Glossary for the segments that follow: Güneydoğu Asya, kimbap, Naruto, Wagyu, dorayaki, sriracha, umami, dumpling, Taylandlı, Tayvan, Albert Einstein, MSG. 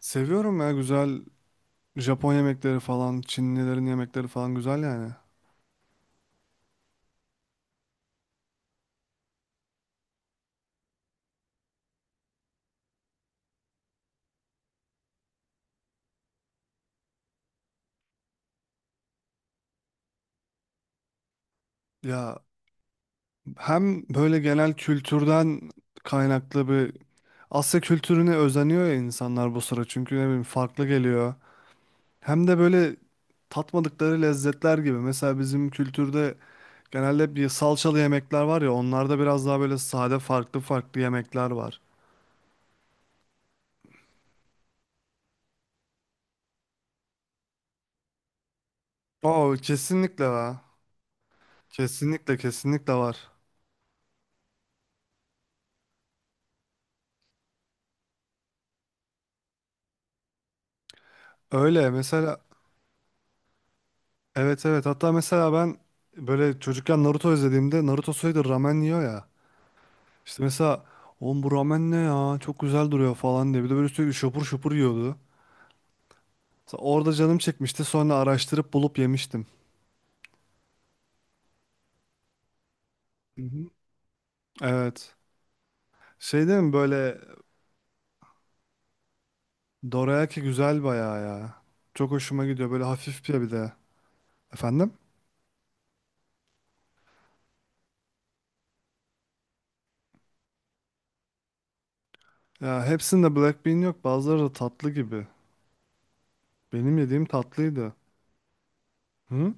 Seviyorum ya, güzel. Japon yemekleri falan, Çinlilerin yemekleri falan güzel yani. Ya, hem böyle genel kültürden kaynaklı Asya kültürüne özeniyor ya insanlar bu sıra, çünkü ne bileyim farklı geliyor. Hem de böyle tatmadıkları lezzetler gibi. Mesela bizim kültürde genelde bir salçalı yemekler var ya, onlarda biraz daha böyle sade farklı farklı yemekler var. Oo, kesinlikle var. Kesinlikle var. Öyle mesela. Evet, evet, hatta mesela ben böyle çocukken Naruto izlediğimde Naruto sürekli ramen yiyor ya. İşte mesela oğlum, bu ramen ne ya, çok güzel duruyor falan diye, bir de böyle sürekli şopur şopur yiyordu. Mesela orada canım çekmişti, sonra araştırıp bulup yemiştim. Hı hı. Evet, şey değil mi böyle, dorayaki güzel bayağı ya. Çok hoşuma gidiyor, böyle hafif bir de. Efendim? Ya hepsinde black bean yok, bazıları da tatlı gibi. Benim yediğim tatlıydı. Hı?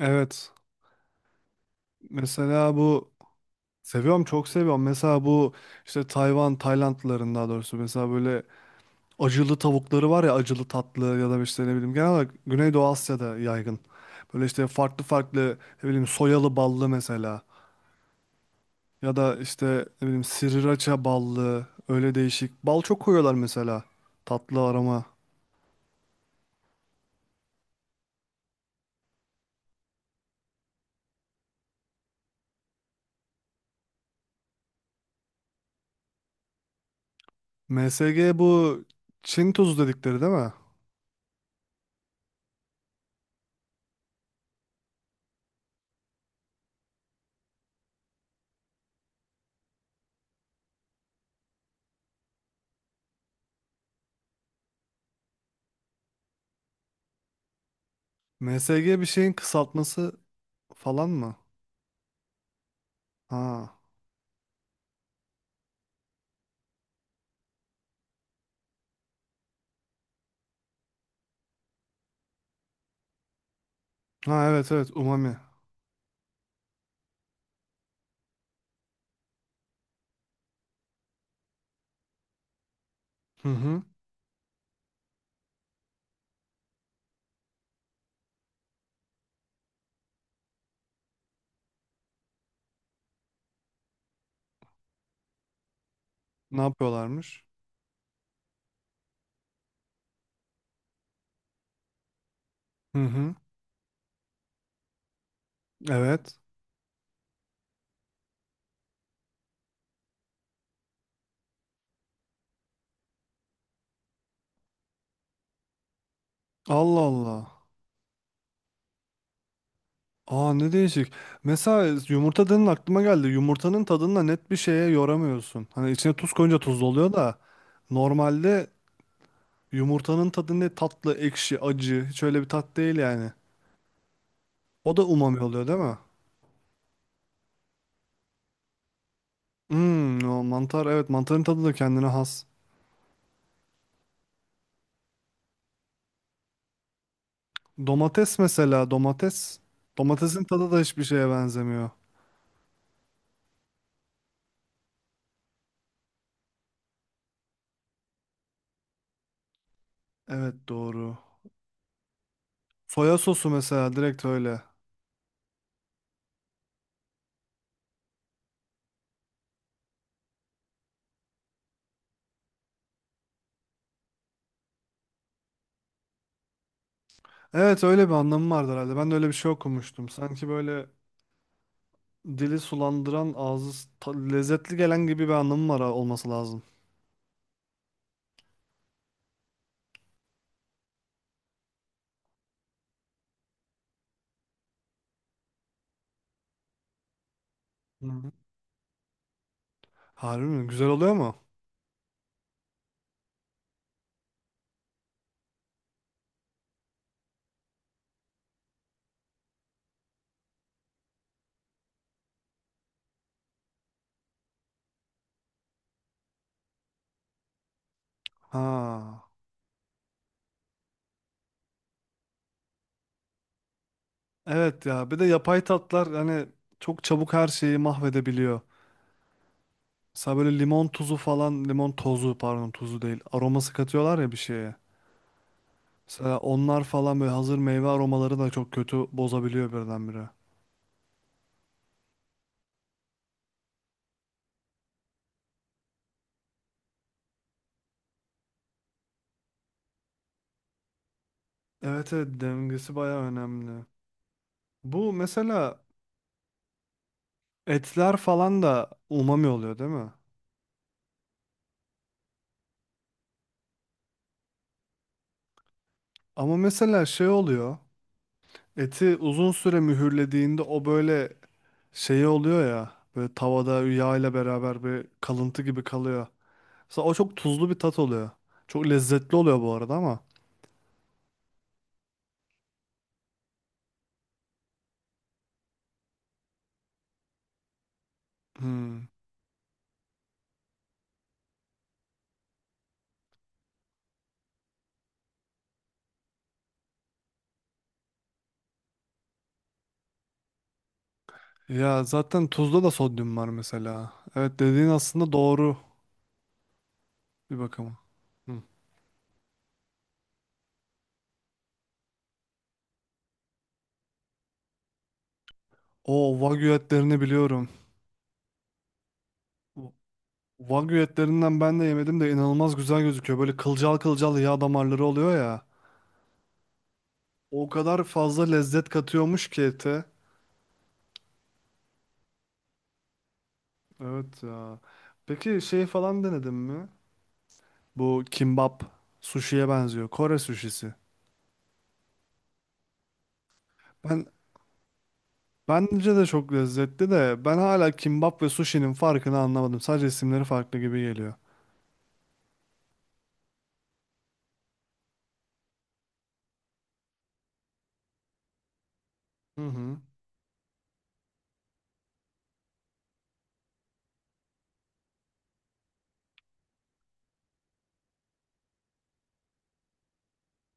Evet. Mesela bu, seviyorum, çok seviyorum. Mesela bu işte Tayvan, Taylandlıların daha doğrusu, mesela böyle acılı tavukları var ya, acılı tatlı, ya da işte ne bileyim genel olarak Güneydoğu Asya'da yaygın. Böyle işte farklı farklı ne bileyim, soyalı ballı mesela, ya da işte ne bileyim sriracha ballı, öyle değişik. Bal çok koyuyorlar, mesela tatlı arama. MSG, bu Çin tuzu dedikleri değil mi? MSG bir şeyin kısaltması falan mı? Ha. Ha, evet evet, umami. Hı hı. Ne yapıyorlarmış? Hı hı. Evet. Allah Allah. Aa, ne değişik. Mesela yumurta dedin, aklıma geldi. Yumurtanın tadını da net bir şeye yoramıyorsun. Hani içine tuz koyunca tuzlu oluyor da, normalde yumurtanın tadı ne, tatlı, ekşi, acı. Hiç öyle bir tat değil yani. O da umami oluyor değil mi? Hmm, o mantar, evet, mantarın tadı da kendine has. Domates mesela, domates. Domatesin tadı da hiçbir şeye benzemiyor. Evet, doğru. Soya sosu mesela, direkt öyle. Evet, öyle bir anlamı vardı herhalde. Ben de öyle bir şey okumuştum. Sanki böyle dili sulandıran, lezzetli gelen gibi bir anlamı olması lazım. Hı hı. Harbi mi? Güzel oluyor mu? Ha. Evet ya. Bir de yapay tatlar hani çok çabuk her şeyi mahvedebiliyor. Mesela böyle limon tozu, pardon, tuzu değil. Aroması katıyorlar ya bir şeye. Mesela onlar falan, böyle hazır meyve aromaları da çok kötü bozabiliyor birdenbire. Evet evet, dengesi baya önemli. Bu mesela etler falan da umami oluyor değil mi? Ama mesela şey oluyor. Eti uzun süre mühürlediğinde o böyle şey oluyor ya. Böyle tavada yağ ile beraber bir kalıntı gibi kalıyor. Mesela o çok tuzlu bir tat oluyor. Çok lezzetli oluyor bu arada ama. Hmm. Ya zaten tuzda da sodyum var mesela. Evet, dediğin aslında doğru bir bakıma. Hmm. O wagyu etlerini biliyorum. Wagyu etlerinden ben de yemedim de, inanılmaz güzel gözüküyor. Böyle kılcal kılcal yağ damarları oluyor ya. O kadar fazla lezzet katıyormuş ki ete. Evet ya. Peki şey falan denedin mi? Bu kimbap sushi'ye benziyor. Kore sushisi. Ben Bence de çok lezzetli de, ben hala kimbap ve sushi'nin farkını anlamadım. Sadece isimleri farklı gibi geliyor. Hı hı.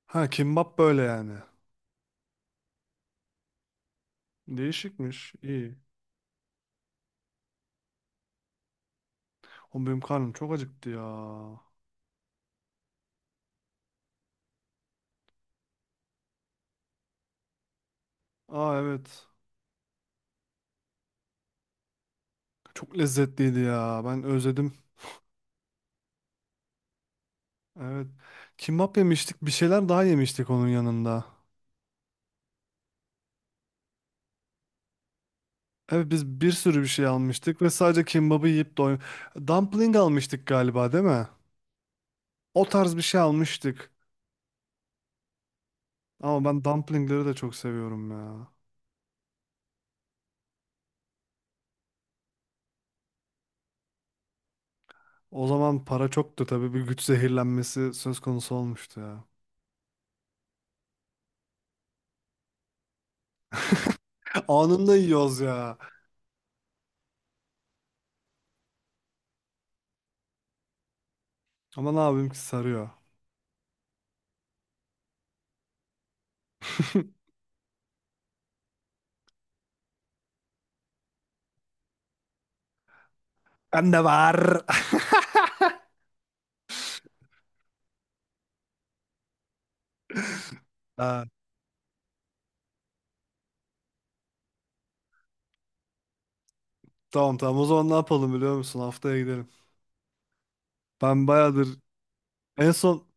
Ha, kimbap böyle yani. Değişikmiş. İyi. O, benim karnım çok acıktı ya. Aa, evet. Çok lezzetliydi ya. Ben özledim. Evet. Kimbap yemiştik. Bir şeyler daha yemiştik onun yanında. Evet, biz bir sürü bir şey almıştık ve sadece kimbabı yiyip doy... Dumpling almıştık galiba değil mi? O tarz bir şey almıştık. Ama ben dumplingleri de çok seviyorum ya. O zaman para çoktu tabii, bir güç zehirlenmesi söz konusu olmuştu ya. Anında yiyoruz ya. Ama ne yapayım ki sarıyor. Ben de var. Ha, tamam tamam, o zaman ne yapalım biliyor musun? Haftaya gidelim. Ben bayağıdır en son...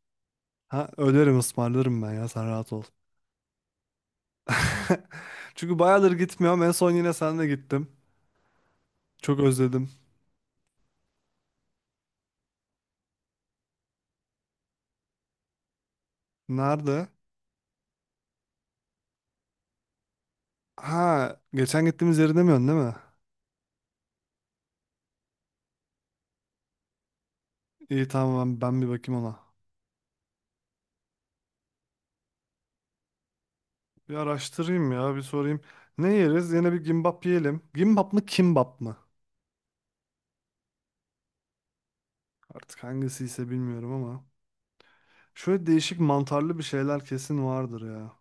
Ha, öderim, ısmarlarım ben ya, sen rahat ol. Çünkü bayağıdır gitmiyorum. En son yine senle gittim. Çok özledim. Nerede? Ha, geçen gittiğimiz yeri demiyorsun değil mi? İyi, tamam, ben bir bakayım ona. Bir araştırayım ya, bir sorayım. Ne yeriz? Yine bir gimbap yiyelim. Gimbap mı, kimbap mı? Artık hangisi ise bilmiyorum ama. Şöyle değişik mantarlı bir şeyler kesin vardır ya.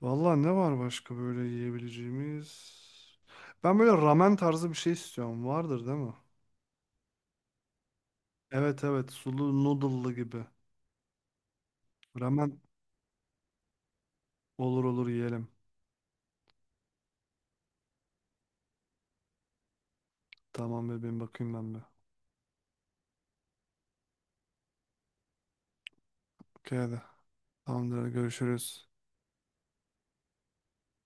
Vallahi ne var başka böyle yiyebileceğimiz? Ben böyle ramen tarzı bir şey istiyorum. Vardır değil mi? Evet evet, sulu noodle'lı gibi. Ramen, olur olur, yiyelim. Tamam bebeğim, bakayım ben bir. Okey hadi. Tamamdır, hadi görüşürüz.